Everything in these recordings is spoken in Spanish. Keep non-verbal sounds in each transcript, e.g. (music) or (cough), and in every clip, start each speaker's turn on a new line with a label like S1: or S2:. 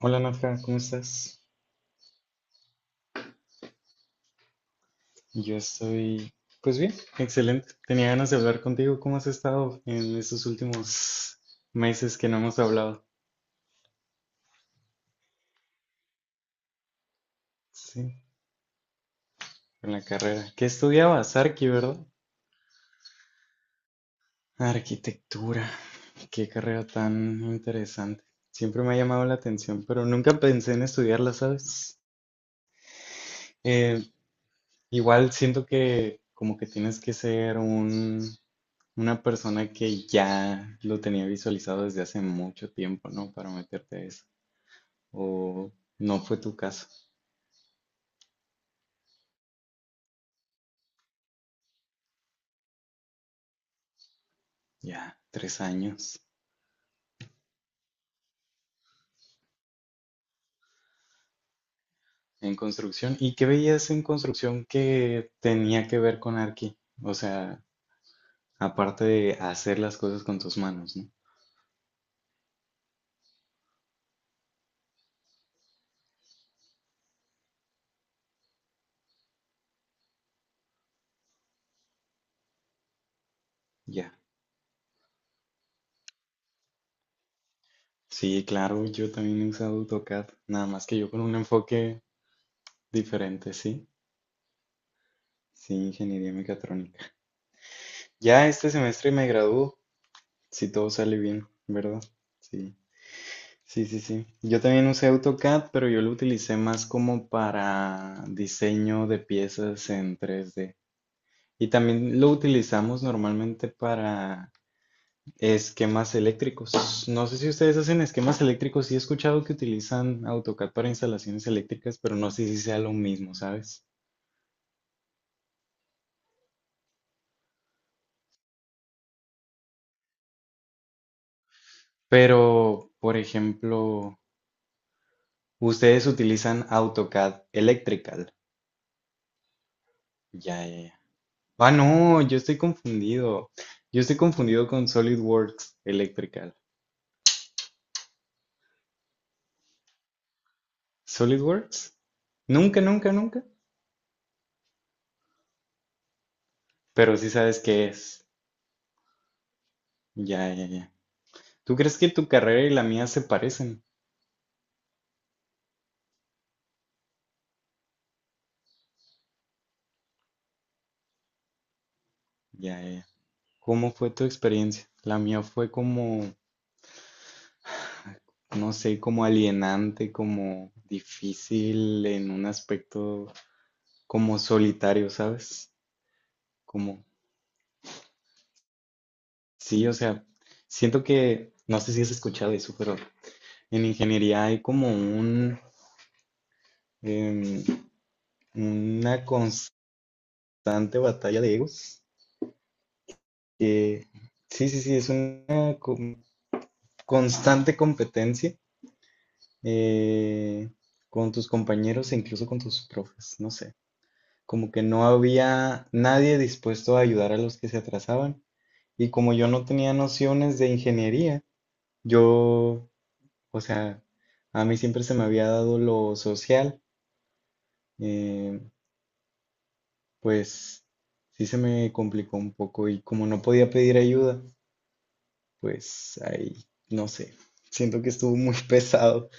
S1: Hola Nadja, ¿cómo estás? Yo estoy, pues bien, excelente. Tenía ganas de hablar contigo. ¿Cómo has estado en estos últimos meses que no hemos hablado? Sí, en la carrera. ¿Qué estudiabas? Arqui, ¿verdad? Arquitectura. Qué carrera tan interesante. Siempre me ha llamado la atención, pero nunca pensé en estudiarla, ¿sabes? Eh, Igual siento que como que tienes que ser un una persona que ya lo tenía visualizado desde hace mucho tiempo, ¿no? Para meterte a eso. O no fue tu caso. Ya, 3 años en construcción. ¿Y qué veías en construcción que tenía que ver con Arqui? O sea, aparte de hacer las cosas con tus manos, ¿no? Ya. Sí, claro, yo también he usado AutoCAD, nada más que yo con un enfoque diferente, sí. Sí, ingeniería mecatrónica. Ya este semestre me gradúo, si todo sale bien, ¿verdad? Sí. Sí, sí, sí. Yo también usé AutoCAD, pero yo lo utilicé más como para diseño de piezas en 3D. Y también lo utilizamos normalmente para esquemas eléctricos. No sé si ustedes hacen esquemas eléctricos. Sí he escuchado que utilizan AutoCAD para instalaciones eléctricas, pero no sé si sea lo mismo, ¿sabes? Pero, por ejemplo, ustedes utilizan AutoCAD Electrical. Ya, ya, ya. Ah, no, yo estoy confundido. Yo estoy confundido con SolidWorks Electrical. ¿SolidWorks? Nunca, nunca, nunca. Pero sí sabes qué es. Ya, ya, ya. ¿Tú crees que tu carrera y la mía se parecen? Ya, ya, ya. ¿Cómo fue tu experiencia? La mía fue como, no sé, como alienante, como difícil en un aspecto como solitario, ¿sabes? Como, sí, o sea, siento que, no sé si has escuchado eso, pero en ingeniería hay como em, una constante batalla de egos. que- sí, sí, sí, es una constante competencia, eh, con tus compañeros e incluso con tus profes, no sé. Como que no había nadie dispuesto a ayudar a los que se atrasaban. Y como yo no tenía nociones de ingeniería, yo, o sea, a mí siempre se me había dado lo social. eh, Pues sí se me complicó un poco y como no podía pedir ayuda, pues ahí, no sé, siento que estuvo muy (laughs) pesado,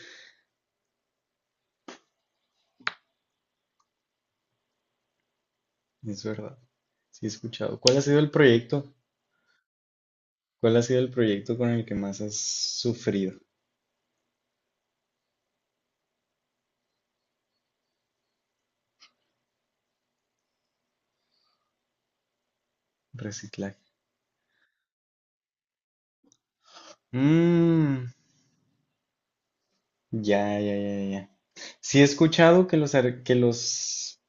S1: es verdad. Sí he escuchado. ¿Cuál ha sido el proyecto? ¿Cuál ha sido el proyecto con el que más has sufrido? Reciclaje. Mm, ya, ya, ya, ya. Sí he escuchado que los,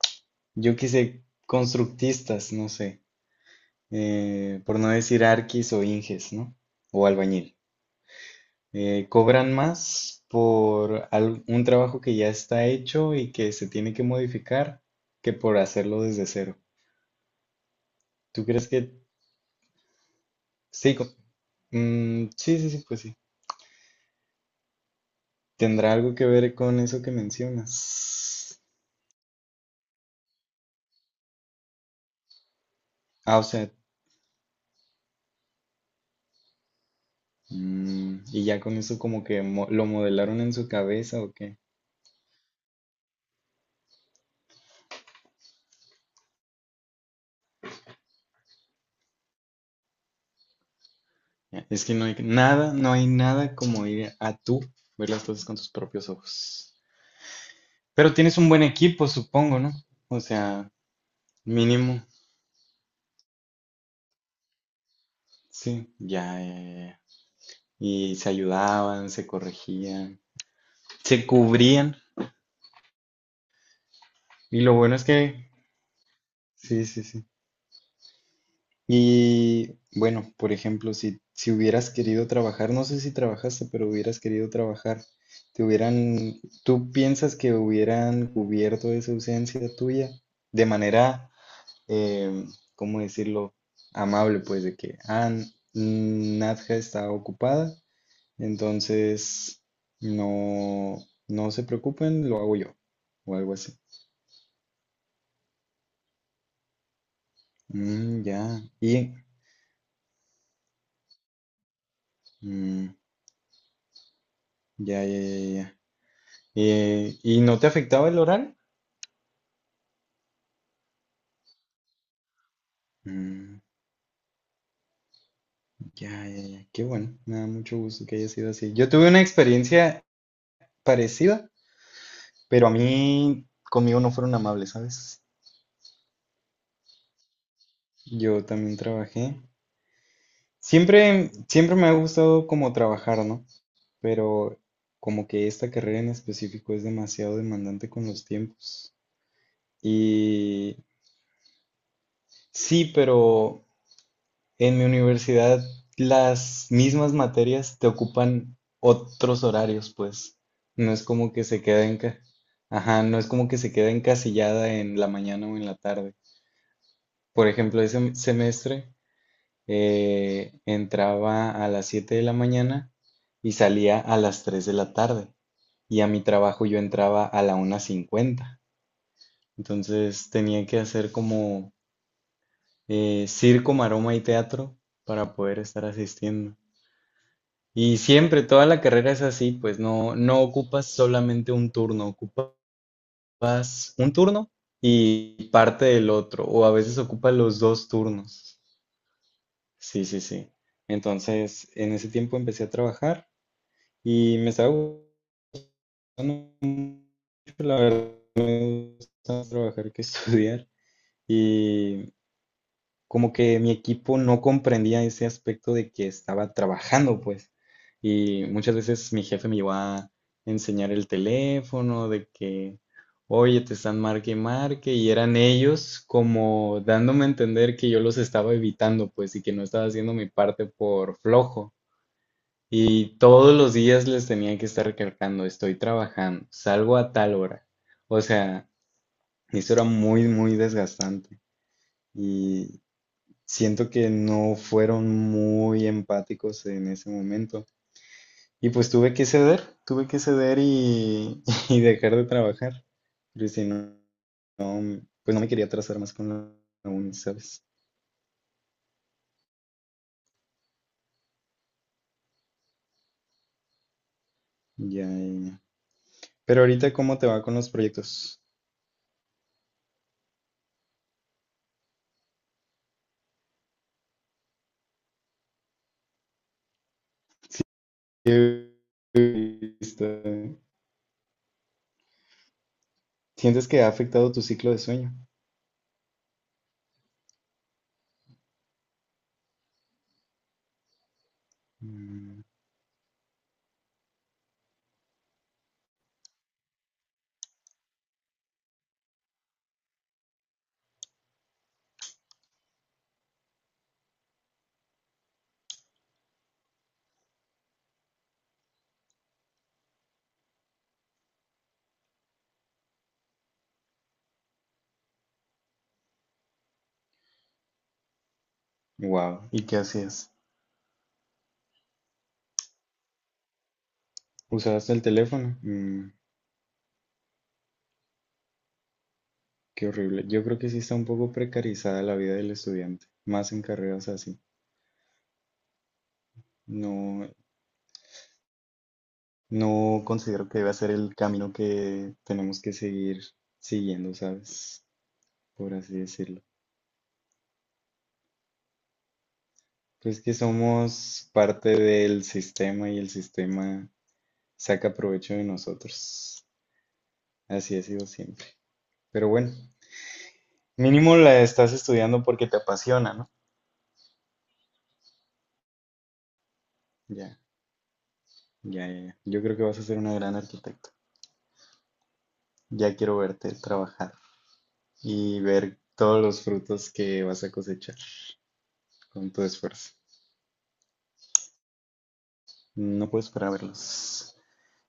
S1: yo qué sé, constructistas, no sé, por no decir arquis o inges, ¿no? O albañil. Cobran más por un trabajo que ya está hecho y que se tiene que modificar que por hacerlo desde cero. ¿Tú crees que sí? Sí, sí, sí, pues sí. ¿Tendrá algo que ver con eso que mencionas? Ah, o sea, y ya con eso como que lo modelaron en su cabeza o qué. Es que no hay nada, no hay nada como ir a tú ver las cosas con tus propios ojos. Pero tienes un buen equipo, supongo, ¿no? O sea, mínimo. Sí, ya, ya, ya, ya. Y se ayudaban, se corregían, se cubrían. Y lo bueno es que, sí, sí, sí. Y bueno, por ejemplo, si hubieras querido trabajar, no sé si trabajaste, pero hubieras querido trabajar, ¿tú piensas que hubieran cubierto esa ausencia tuya de manera, eh, ¿cómo decirlo? Amable, pues de que, ah, Nadja está ocupada, entonces, no, no se preocupen, lo hago yo. O algo así. Ya. Mm, ya, ya, ya, ya. ¿Y no te afectaba el oral? Mm, ya, ya, ya. Qué bueno. Me da mucho gusto que haya sido así. Yo tuve una experiencia parecida, pero a mí, conmigo no fueron amables, ¿sabes? Yo también trabajé. Siempre, siempre me ha gustado como trabajar, ¿no? Pero como que esta carrera en específico es demasiado demandante con los tiempos. Y sí, pero en mi universidad las mismas materias te ocupan otros horarios, pues. No es como que se queda ajá, no es como que se queda encasillada en la mañana o en la tarde. Por ejemplo, ese semestre entraba a las 7 de la mañana y salía a las 3 de la tarde. Y a mi trabajo yo entraba a la 1:50. Entonces tenía que hacer como circo, maroma y teatro para poder estar asistiendo. Y siempre, toda la carrera es así, pues no, no ocupas solamente un turno, ocupas un turno y parte del otro, o a veces ocupas los dos turnos. Sí, sí, sí. Entonces, en ese tiempo empecé a trabajar. Y me estaba gustando mucho, la verdad, más trabajar que (laughs) estudiar. Y como que mi equipo no comprendía ese aspecto de que estaba trabajando, pues. Y muchas veces mi jefe me iba a enseñar el teléfono, de que, oye, te están marque y marque, y eran ellos como dándome a entender que yo los estaba evitando, pues, y que no estaba haciendo mi parte por flojo. Y todos los días les tenía que estar recalcando, estoy trabajando, salgo a tal hora. O sea, eso era muy, muy desgastante. Y siento que no fueron muy empáticos en ese momento. Y pues tuve que ceder y, (laughs) y dejar de trabajar. Pero si no, pues no me quería atrasar más con la uni, ¿sabes? Ya, ya, ya. Pero ahorita, ¿cómo te va con los proyectos? ¿Qué- qué- ¿Sientes que ha afectado tu ciclo de sueño? Wow. ¿Y qué hacías? ¿Usabas el teléfono? Qué horrible. Yo creo que sí está un poco precarizada la vida del estudiante, más en carreras así. No, no considero que deba ser el camino que tenemos que seguir siguiendo, ¿sabes? Por así decirlo. Pues que somos parte del sistema y el sistema saca provecho de nosotros. Así ha sido siempre. Pero bueno, mínimo la estás estudiando porque te apasiona, ¿no? Ya. Ya, ya, ya. Yo creo que vas a ser una gran arquitecta. Ya quiero verte trabajar y ver todos los frutos que vas a cosechar con tu esfuerzo. No puedo esperar a verlos.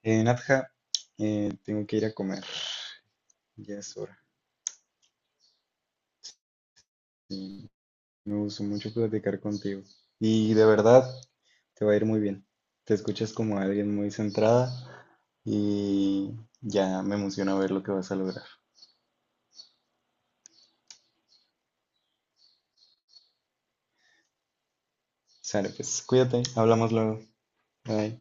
S1: Nadja, tengo que ir a comer. Ya es hora. Y me gustó mucho platicar contigo. Y de verdad, te va a ir muy bien. Te escuchas como alguien muy centrada y ya me emociona ver lo que vas a lograr. Sale, pues cuídate, hablamos luego. Bye.